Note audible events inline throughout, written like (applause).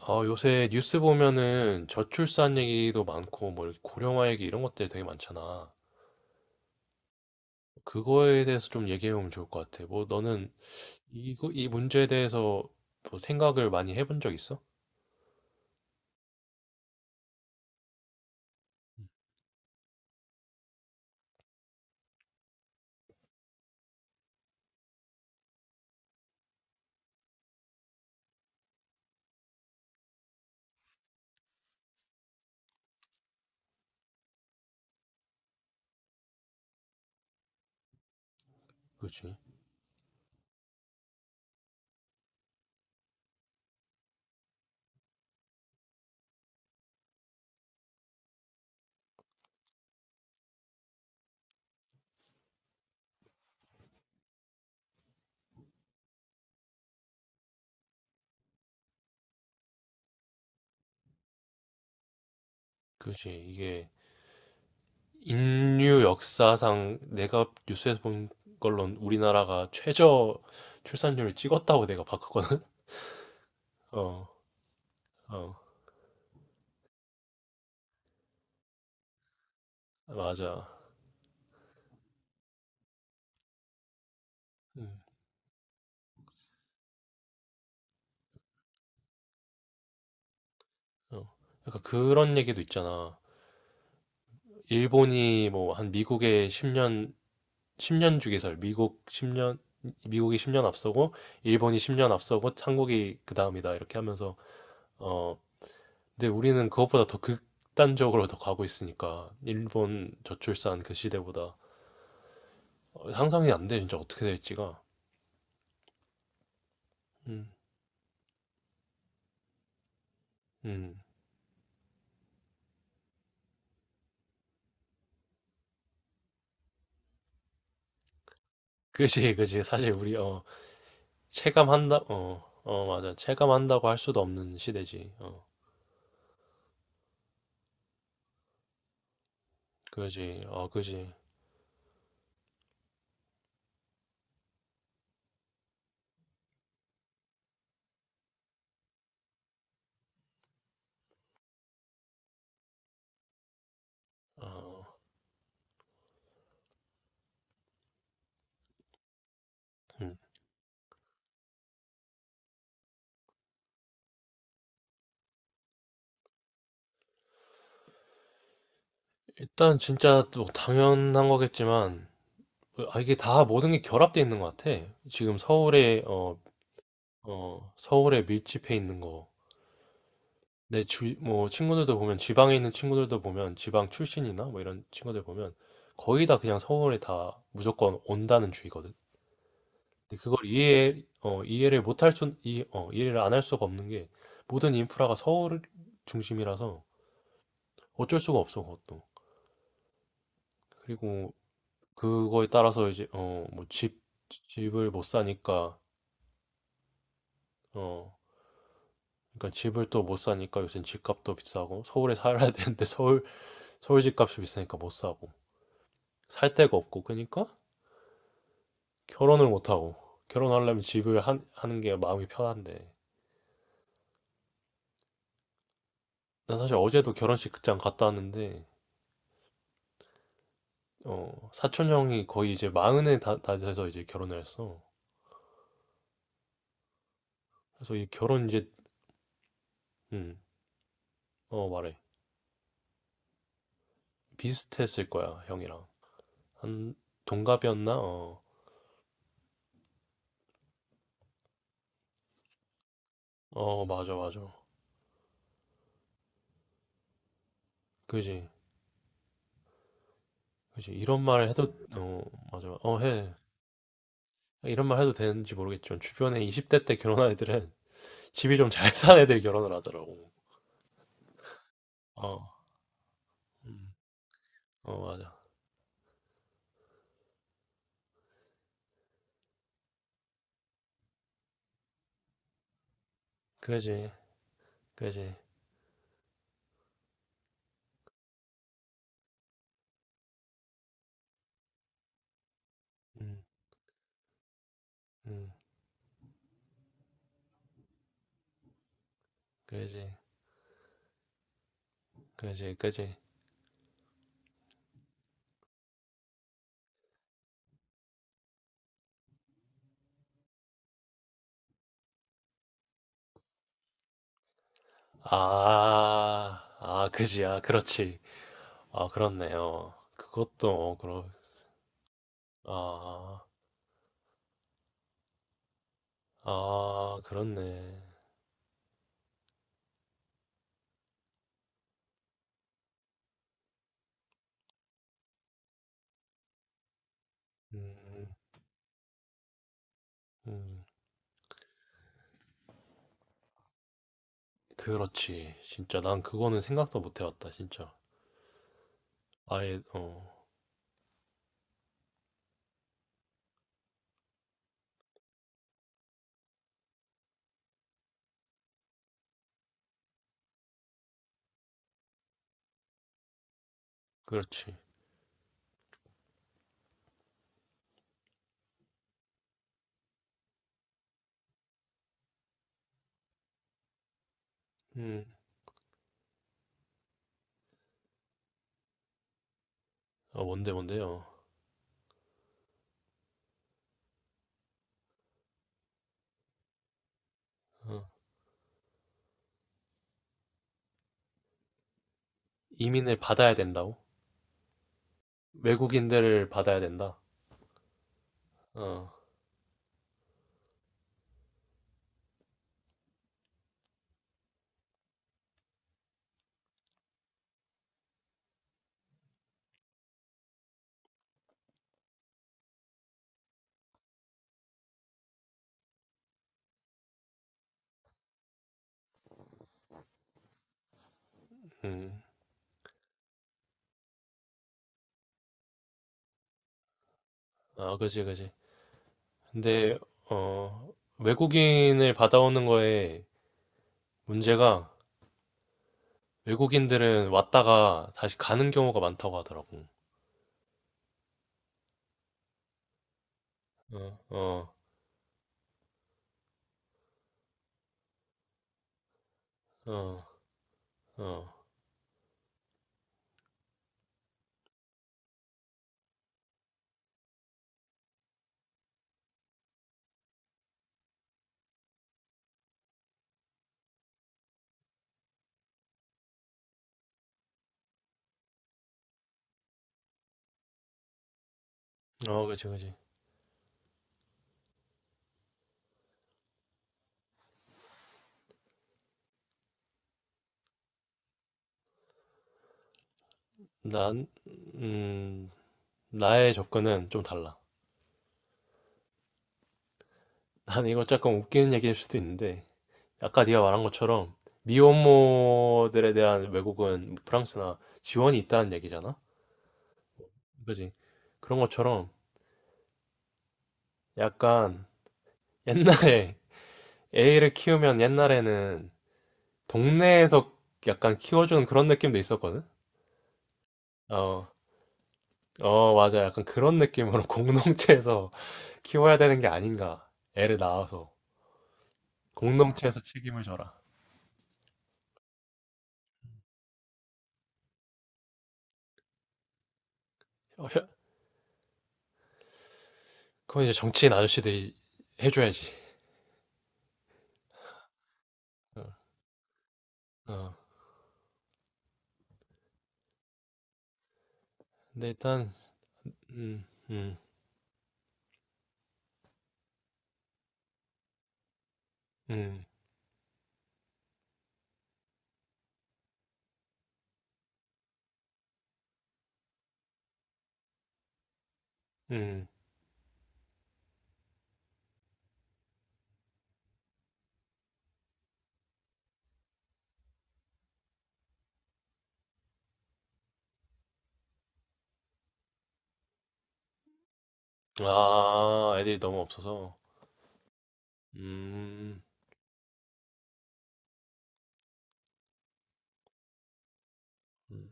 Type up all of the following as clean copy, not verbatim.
요새 뉴스 보면은 저출산 얘기도 많고, 뭐, 이렇게 고령화 얘기 이런 것들 되게 많잖아. 그거에 대해서 좀 얘기해보면 좋을 것 같아. 뭐, 너는 이 문제에 대해서 뭐 생각을 많이 해본 적 있어? 그지? 그지. 이게 인류 역사상 내가 뉴스에서 본 걸로는 우리나라가 최저 출산율을 찍었다고 내가 봤거든? (laughs) 어, 어, 맞아. 음, 어. 약간 그런 얘기도 있잖아. 일본이 뭐 한 미국의 10년 10년 주기설. 미국 10년, 미국이 10년 앞서고, 일본이 10년 앞서고, 한국이 그 다음이다. 이렇게 하면서, 어, 근데 우리는 그것보다 더 극단적으로 더 가고 있으니까, 일본 저출산 그 시대보다. 상상이 안 돼, 진짜 어떻게 될지가. 음, 음. 그지, 그지. 사실 우리, 체감한다, 맞아. 체감한다고 할 수도 없는 시대지. 어, 그지, 어, 그지. 어, 음. 일단 진짜 또 당연한 거겠지만, 이게 다 모든 게 결합돼 있는 것 같아. 지금 서울에 밀집해 있는 거. 뭐 친구들도 보면 지방에 있는 친구들도 보면 지방 출신이나 뭐 이런 친구들 보면 거의 다 그냥 서울에 다 무조건 온다는 주의거든. 근데 그걸 이해를 못할 수 이, 어, 이해를 안 할 수가 없는 게 모든 인프라가 서울 중심이라서 어쩔 수가 없어 그것도. 그리고 그거에 따라서 이제 뭐 집을 못 사니까 어, 그러니까 집을 또 못 사니까 요새 집값도 비싸고 서울에 살아야 (laughs) 되는데 서울 집값이 비싸니까 못 사고 살 데가 없고 그러니까 결혼을 못 하고 결혼하려면 집을 하는 게 마음이 편한데 난 사실 어제도 결혼식 극장 갔다 왔는데 사촌 형이 거의 이제 마흔에 다 돼서 이제 결혼을 했어. 그래서 이 결혼 이제 음어 말해. 비슷했을 거야 형이랑 한 동갑이었나. 어 어 맞아 맞아. 그지 그지. 이런 말 해도 어 맞아 어해 이런 말 해도 되는지 모르겠지만 주변에 20대 때 결혼한 애들은 집이 좀 잘 사는 애들이 결혼을 하더라고. 어, 음, 어 맞아. 그지, 그지, 음, 음, 그지, 그지, 그지. 아, 아, 그지야, 그렇지. 아, 그렇네요. 그것도 아, 아, 그렇네. 음, 음, 그렇지. 진짜 난 그거는 생각도 못 해봤다, 진짜. 아예, 어, 그렇지. 음, 어, 뭔데요? 어. 이민을 받아야 된다고? 외국인들을 받아야 된다. 어, 음, 아, 그지, 그지. 근데, 어, 외국인을 받아오는 거에 문제가 외국인들은 왔다가 다시 가는 경우가 많다고 하더라고. 어, 어, 어, 어, 어, 그지, 그지. 난, 음, 나의 접근은 좀 달라. 난 이거 조금 웃기는 얘기일 수도 있는데, 아까 네가 말한 것처럼 미혼모들에 대한 외국은 프랑스나 지원이 있다는 얘기잖아? 그지? 그런 것처럼 약간 옛날에 (laughs) 애를 키우면 옛날에는 동네에서 약간 키워주는 그런 느낌도 있었거든? 어, 어, 맞아. 약간 그런 느낌으로 (laughs) 공동체에서 키워야 되는 게 아닌가. 애를 낳아서. 공동체에서 책임을 져라. 어, 혀- 그건 이제 정치인 아저씨들이 해줘야지. 어, 어. 근데 일단, 음, 음, 음, 음. 아, 애들이 너무 없어서. 음. 음.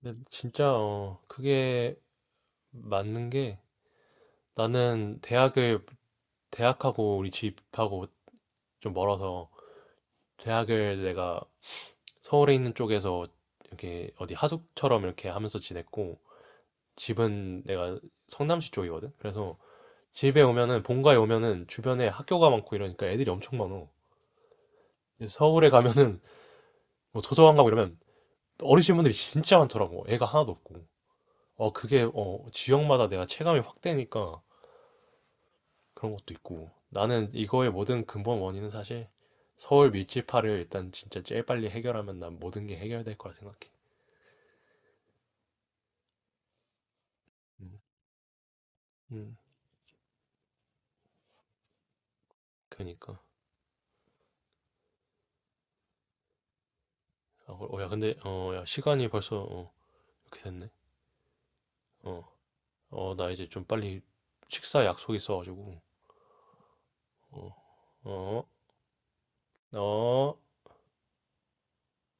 근데 진짜 그게 맞는 게 나는 대학을 대학하고 우리 집하고 좀 멀어서 대학을 내가 서울에 있는 쪽에서 이렇게 어디 하숙처럼 이렇게 하면서 지냈고 집은 내가 성남시 쪽이거든. 그래서 집에 오면은 본가에 오면은 주변에 학교가 많고 이러니까 애들이 엄청 많어. 근데 서울에 가면은 뭐 도서관 가고 이러면 어르신 분들이 진짜 많더라고. 애가 하나도 없고. 어 그게 어 지역마다 내가 체감이 확 되니까 그런 것도 있고. 나는 이거의 모든 근본 원인은 사실 서울 밀집화를 일단 진짜 제일 빨리 해결하면 난 모든 게 해결될 거라 생각해. 음, 음, 그러니까. 아, 야, 근데 야, 시간이 벌써 이렇게 됐네. 어, 어, 나 이제 좀 빨리 식사 약속 있어가지고. 어, 어, 어.